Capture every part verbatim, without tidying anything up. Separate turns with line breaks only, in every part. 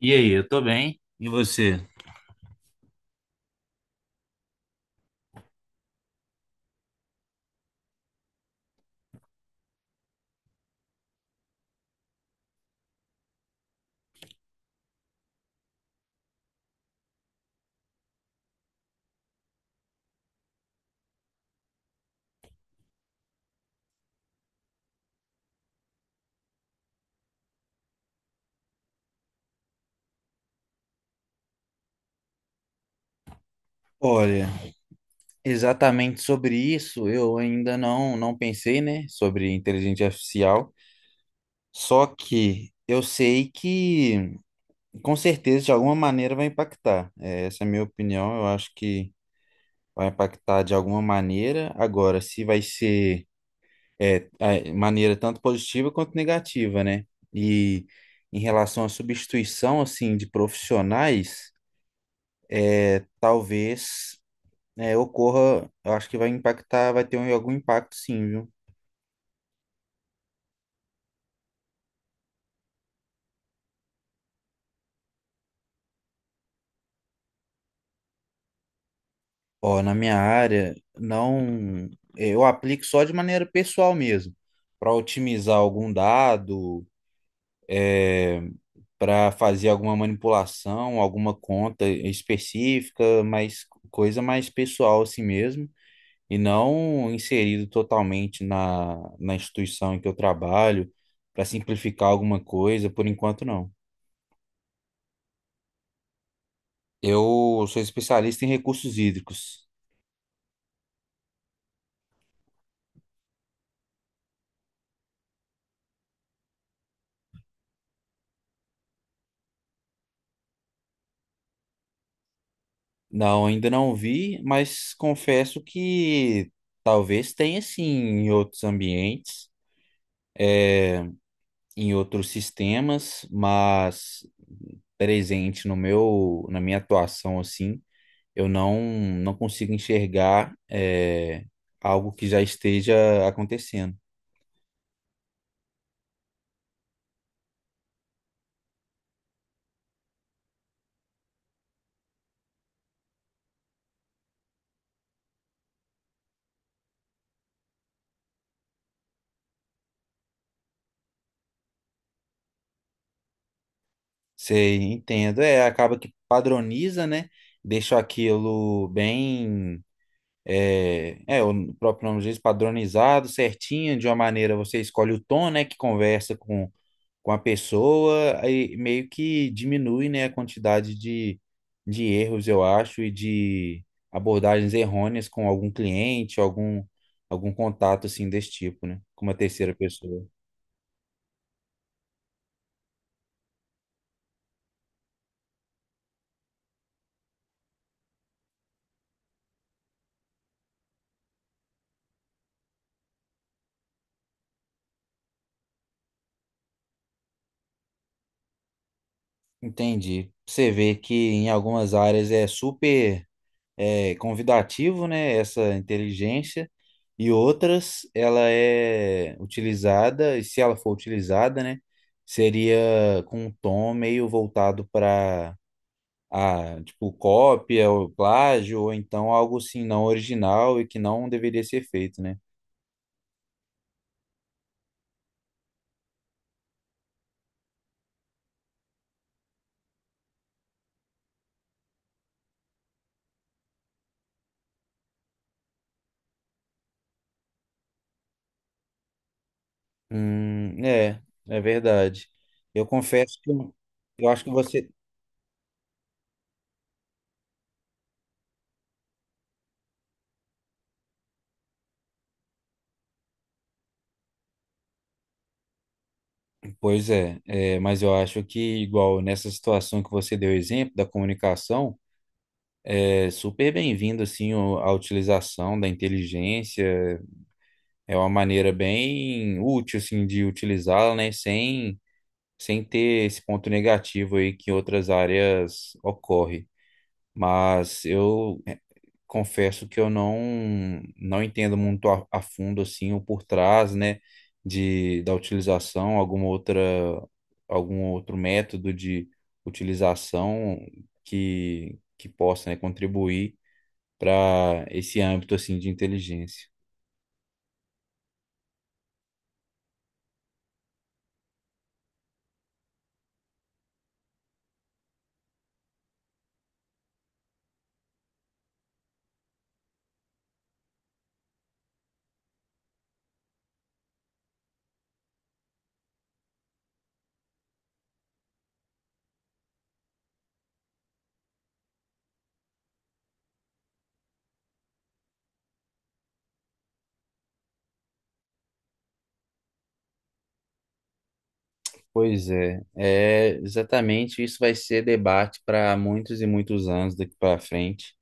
E aí, eu tô bem. E você? Olha, exatamente sobre isso eu ainda não não pensei, né, sobre inteligência artificial. Só que eu sei que com certeza de alguma maneira vai impactar. É, essa é a minha opinião. Eu acho que vai impactar de alguma maneira. Agora, se vai ser é, a maneira tanto positiva quanto negativa, né? E em relação à substituição assim de profissionais, é, talvez. É, ocorra, eu acho que vai impactar, vai ter um- algum impacto sim, viu? Ó, na minha área, não, eu aplico só de maneira pessoal mesmo, para otimizar algum dado, é, para fazer alguma manipulação, alguma conta específica, mas coisa mais pessoal assim mesmo, e não inserido totalmente na, na instituição em que eu trabalho, para simplificar alguma coisa, por enquanto não. Eu sou especialista em recursos hídricos. Não, ainda não vi, mas confesso que talvez tenha sim em outros ambientes, eh, em outros sistemas, mas presente no meu, na minha atuação assim, eu não não consigo enxergar é, algo que já esteja acontecendo. Você entendo, é, acaba que padroniza, né? Deixa aquilo bem. É, é, o próprio nome diz, padronizado, certinho, de uma maneira você escolhe o tom, né, que conversa com, com a pessoa, aí meio que diminui, né, a quantidade de, de erros, eu acho, e de abordagens errôneas com algum cliente, algum, algum contato, assim, desse tipo, né, com uma terceira pessoa. Entendi. Você vê que em algumas áreas é super é convidativo, né? Essa inteligência. E outras, ela é utilizada, e se ela for utilizada, né? Seria com um tom meio voltado para a, tipo, cópia ou plágio, ou então algo assim não original e que não deveria ser feito, né? Hum, é, é verdade. Eu confesso que eu eu acho que você. Pois é, é, mas eu acho que, igual nessa situação que você deu exemplo da comunicação. É super bem-vindo assim o- a utilização da inteligência. É uma maneira bem útil assim de utilizá-la, né, sem sem ter esse ponto negativo aí que em outras áreas ocorre. Mas eu eh, confesso que eu não não entendo muito a, a fundo assim o por trás, né, de da utilização, alguma outra algum outro método de utilização que que possa, né, contribuir para esse âmbito assim de inteligência. Pois é, é exatamente isso vai ser debate para muitos e muitos anos daqui para frente.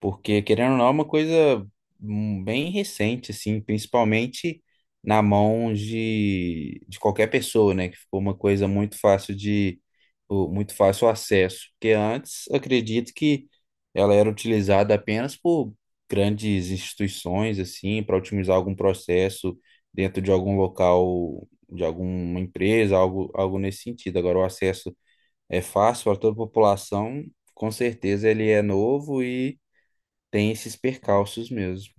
Porque, querendo ou não, é uma coisa hum, bem recente, assim, principalmente na mão de, de qualquer pessoa, né? Que ficou uma coisa muito fácil de, o- muito fácil o acesso. Porque antes, acredito que ela era utilizada apenas por grandes instituições, assim, para otimizar algum processo dentro de algum local, de alguma empresa, algo, algo nesse sentido. Agora, o acesso é fácil para toda a população, com certeza ele é novo e tem esses percalços mesmo.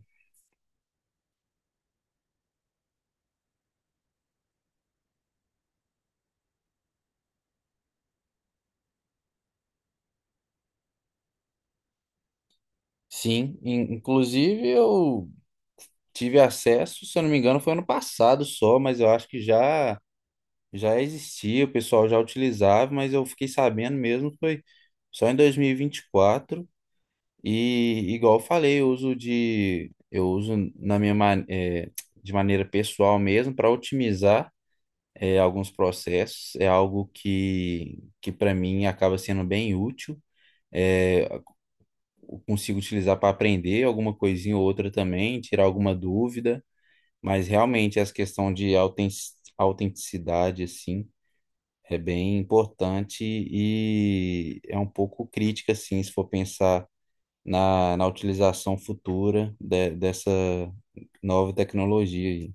Sim, in- inclusive eu tive acesso, se eu não me engano, foi ano passado só, mas eu acho que já já existia, o pessoal já utilizava, mas eu fiquei sabendo mesmo foi só em dois mil e vinte e quatro e vinte e quatro. E igual eu falei, eu uso de eu uso na minha man- eh, de maneira pessoal mesmo para otimizar eh, alguns processos, é algo que que para mim acaba sendo bem útil. Eh, Consigo utilizar para aprender alguma coisinha ou outra também, tirar alguma dúvida, mas realmente essa questão de auten- autenticidade, assim, é bem importante e é um pouco crítica, assim, se for pensar na, na utilização futura de- dessa nova tecnologia aí.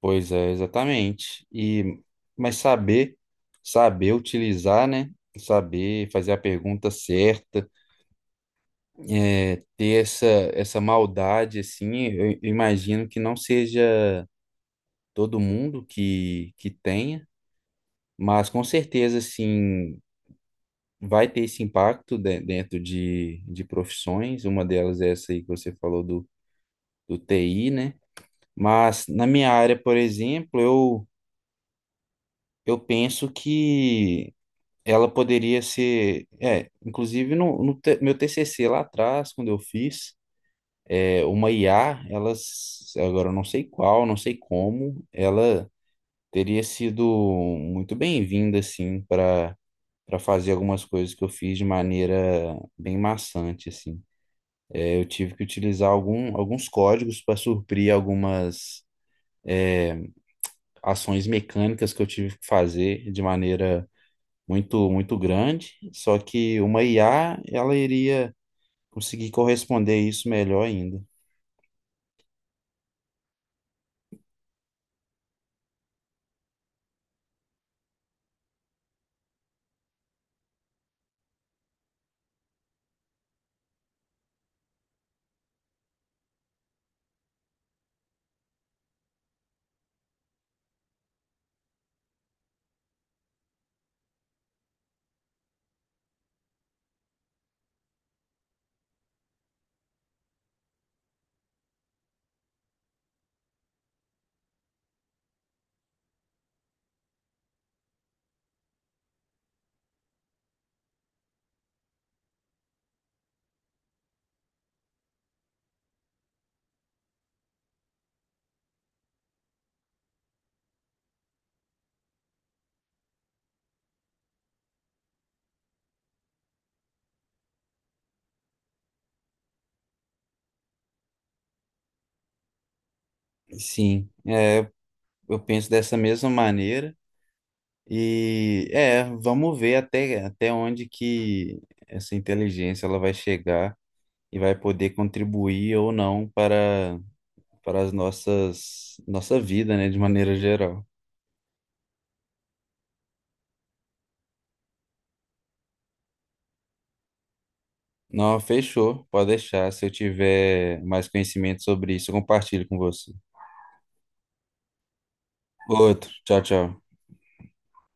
Pois é, exatamente. E, mas saber, saber utilizar, né? Saber fazer a pergunta certa, é, ter essa, essa maldade, assim, eu imagino que não seja todo mundo que, que tenha, mas com certeza, assim, vai ter esse impacto de- dentro de, de profissões, uma delas é essa aí que você falou do, do T I, né? Mas na minha área, por exemplo, eu, eu penso que ela poderia ser, é, inclusive no, no te- meu T C C lá atrás, quando eu fiz, é, uma I A, ela, s- agora eu não sei qual, não sei como, ela teria sido muito bem-vinda, assim, para para fazer algumas coisas que eu fiz de maneira bem maçante, assim. É, eu tive que utilizar algum, alguns códigos para suprir algumas ações mecânicas que eu tive que fazer de maneira muito, muito grande, só que uma I A, ela iria conseguir corresponder a isso melhor ainda. Sim, é, eu penso dessa mesma maneira. E é, vamos ver até, até onde que essa inteligência ela vai chegar e vai poder contribuir ou não para, para as nossas nossa vida, né, de maneira geral. Não, fechou, pode deixar. Se eu tiver mais conhecimento sobre isso, eu compartilho com você. Outro, tchau, tchau.